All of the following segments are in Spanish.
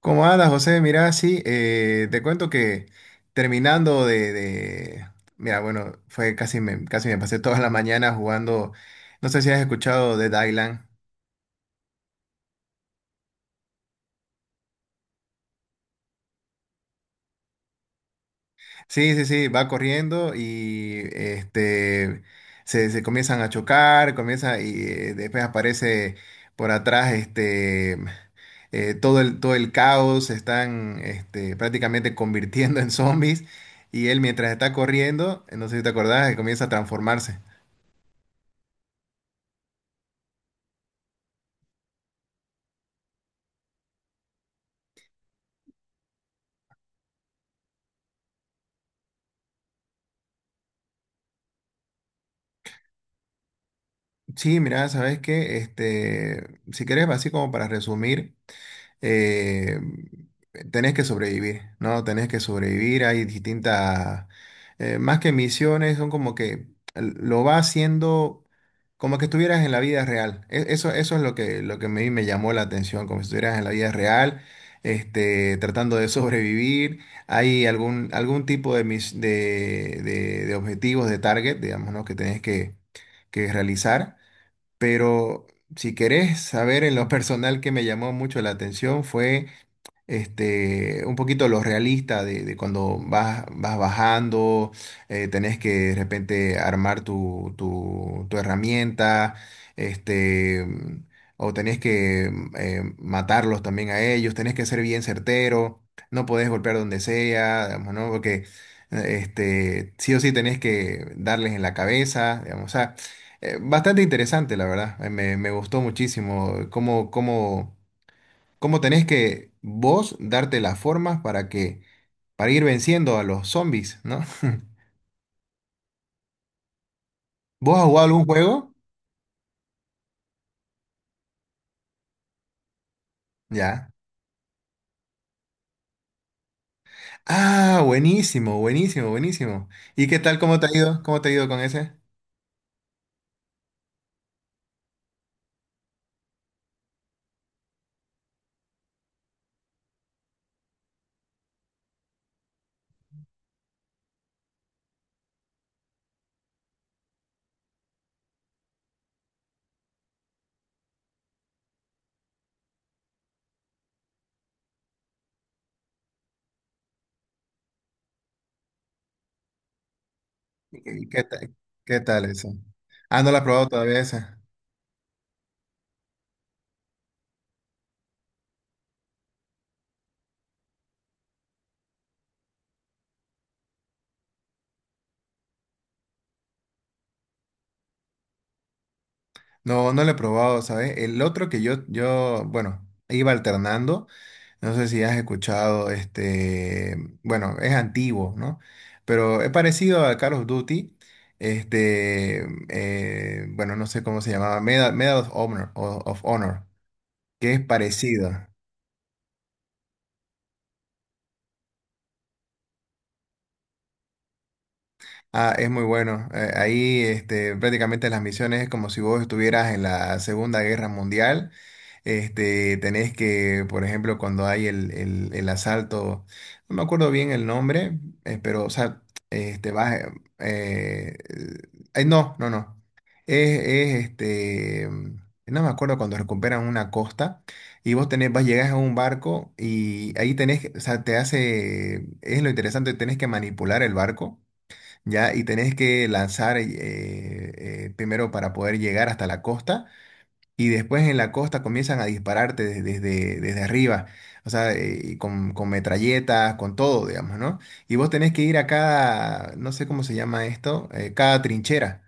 ¿Cómo andas, José? Mira, sí, te cuento que terminando de, de- Mira, bueno, fue casi me pasé toda la mañana jugando. No sé si has escuchado de Dylan. Sí, sí, sí, va corriendo y se comienzan a chocar, comienza y después aparece por atrás todo el caos, se están prácticamente convirtiendo en zombies y él mientras está corriendo, no sé si te acordás, comienza a transformarse. Sí, mira, sabes que si querés, así como para resumir, eh, tenés que sobrevivir, ¿no? Tenés que sobrevivir. Más que misiones, son como que lo va haciendo como que estuvieras en la vida real. Eso, eso es lo que a mí me llamó la atención, como si estuvieras en la vida real, tratando de sobrevivir. Algún tipo de, de objetivos, de target, digamos, ¿no? Que tenés que realizar. Pero si querés saber en lo personal que me llamó mucho la atención fue un poquito lo realista de cuando vas bajando, tenés que de repente armar tu herramienta, este, mm, o tenés que matarlos también a ellos, tenés que ser bien certero, no podés golpear donde sea, digamos, ¿no? Porque sí o sí tenés que darles en la cabeza, digamos, o sea, bastante interesante, la verdad, me gustó muchísimo cómo cómo tenés que vos darte las formas para que, para ir venciendo a los zombies, ¿no? ¿Vos has jugado algún juego? Ya. Ah, buenísimo, buenísimo, buenísimo. ¿Y qué tal, cómo te ha ido? ¿Cómo te ha ido con ese? ¿Y qué tal eso? Ah, no lo he probado todavía esa. No, no lo he probado, ¿sabes? El otro que yo, bueno, iba alternando. No sé si has escuchado bueno, es antiguo, ¿no? Pero es parecido a Call of Duty. Este, bueno, no sé cómo se llamaba, Medal of Honor, of Honor, que es parecido. Ah, es muy bueno. Ahí prácticamente las misiones es como si vos estuvieras en la Segunda Guerra Mundial. Este, tenés que, por ejemplo, cuando hay el asalto, no me acuerdo bien el nombre, pero, o sea, este, vas, eh, eh, ay, no, no, no. Es, es, este, no me acuerdo cuando recuperan una costa y vos vas, llegas a un barco y ahí tenés, o sea, te hace, es lo interesante, tenés que manipular el barco, ¿ya? Y tenés que lanzar primero para poder llegar hasta la costa y después en la costa comienzan a dispararte desde arriba, o sea, y con metralletas, con todo, digamos, ¿no? Y vos tenés que ir a cada, no sé cómo se llama esto, cada trinchera.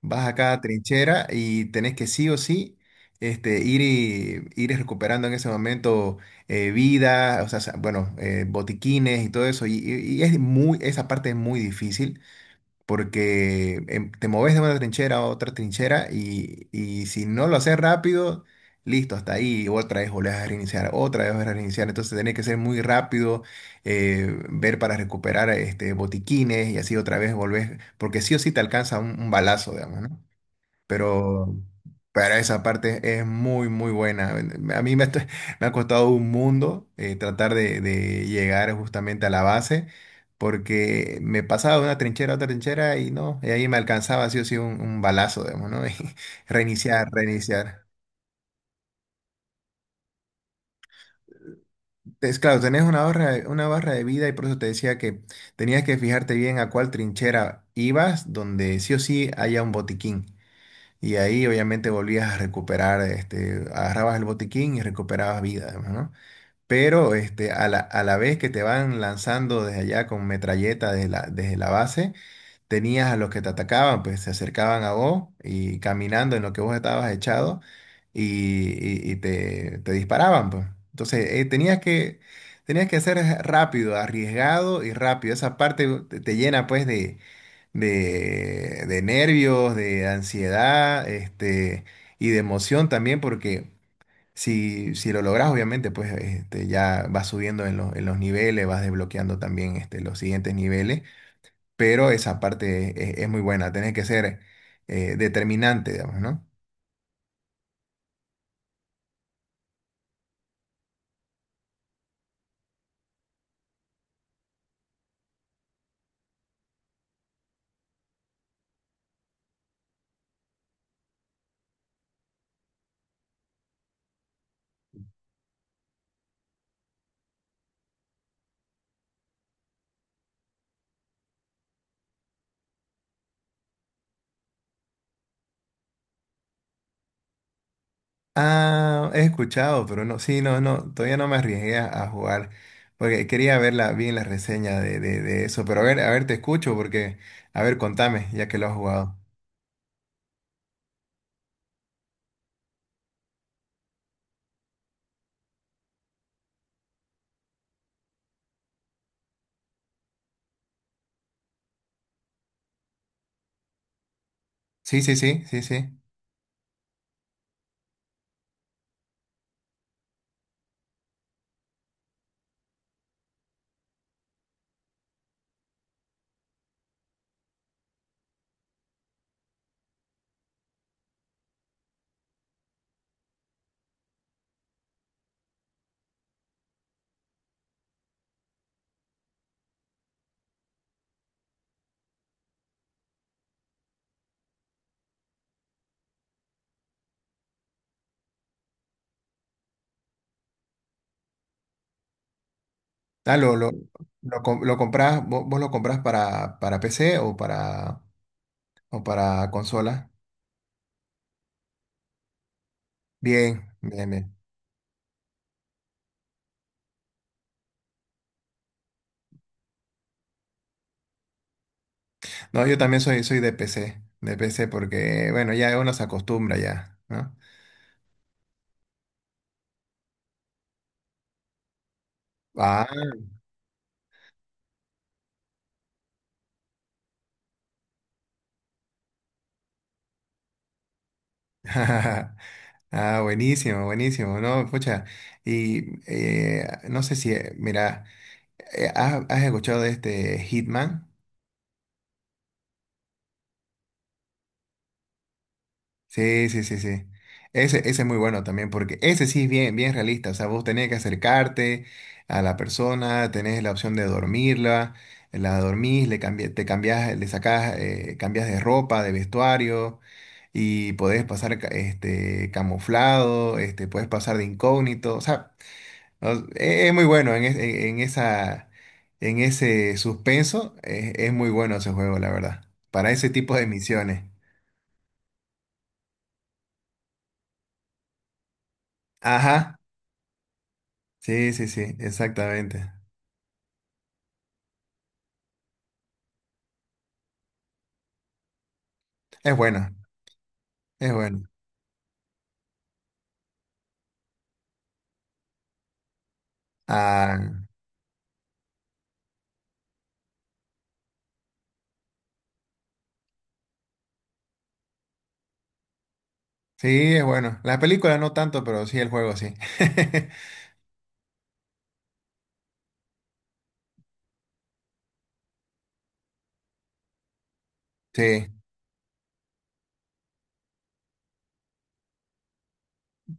Vas a cada trinchera y tenés que sí o sí. Este, ir, y, ir recuperando en ese momento vida, o sea, botiquines y todo eso, y es muy, esa parte es muy difícil, porque te moves de una trinchera a otra trinchera y si no lo haces rápido, listo, hasta ahí, otra vez volvés a reiniciar, otra vez volvés a reiniciar, entonces tenés que ser muy rápido, ver para recuperar botiquines y así otra vez volvés, porque sí o sí te alcanza un balazo, digamos, ¿no? Pero para esa parte es muy, muy buena. A mí me, está- me ha costado un mundo, tratar de llegar justamente a la base, porque me pasaba de una trinchera a otra trinchera y no, y ahí me alcanzaba sí o sí un balazo, digamos, ¿no? Y reiniciar, reiniciar. Es claro, tenés una barra de vida y por eso te decía que tenías que fijarte bien a cuál trinchera ibas, donde sí o sí haya un botiquín. Y ahí obviamente volvías a recuperar, agarrabas el botiquín y recuperabas vida, además, ¿no? Pero a a la vez que te van lanzando desde allá con metralleta desde desde la base, tenías a los que te atacaban, pues se acercaban a vos y caminando en lo que vos estabas echado y, y te disparaban, pues. Entonces tenías que ser rápido, arriesgado y rápido. Esa parte te llena pues de de nervios, de ansiedad, y de emoción también, porque si lo logras, obviamente, pues ya vas subiendo en los niveles, vas desbloqueando también los siguientes niveles, pero esa parte es muy buena, tenés que ser determinante, digamos, ¿no? Ah, he escuchado, pero no, sí, no, no, todavía no me arriesgué a jugar. Porque quería ver la, bien la reseña de eso, pero a ver, te escucho porque, a ver, contame, ya que lo has jugado. Sí, sí, sí, sí, sí. Ah, lo, lo, lo compras, vos lo compras para PC o para consola. Bien, bien, bien. No, yo también soy, soy de PC, de PC porque, bueno, ya uno se acostumbra ya, ¿no? Ah, ah, buenísimo, buenísimo, ¿no? Pucha, y no sé si, mira, ¿has, has escuchado de este Hitman? Sí, sí, sí, sí. Ese es muy bueno también, porque ese sí es bien, bien realista. O sea, vos tenés que acercarte a la persona, tenés la opción de dormirla, la dormís, te cambiás, le sacás, cambias de ropa, de vestuario, y podés pasar camuflado, podés pasar de incógnito. O sea, no, es muy bueno en esa, en ese suspenso, es muy bueno ese juego, la verdad, para ese tipo de misiones. Ajá. Sí, sí, sí, exactamente. Es bueno, es bueno. Ah, sí, es bueno. La película no tanto, pero sí el juego, sí. Sí,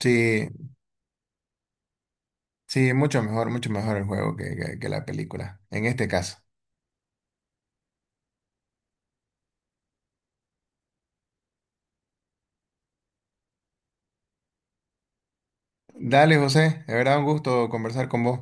sí, sí, mucho mejor el juego que, que la película, en este caso. Dale, José, de verdad un gusto conversar con vos.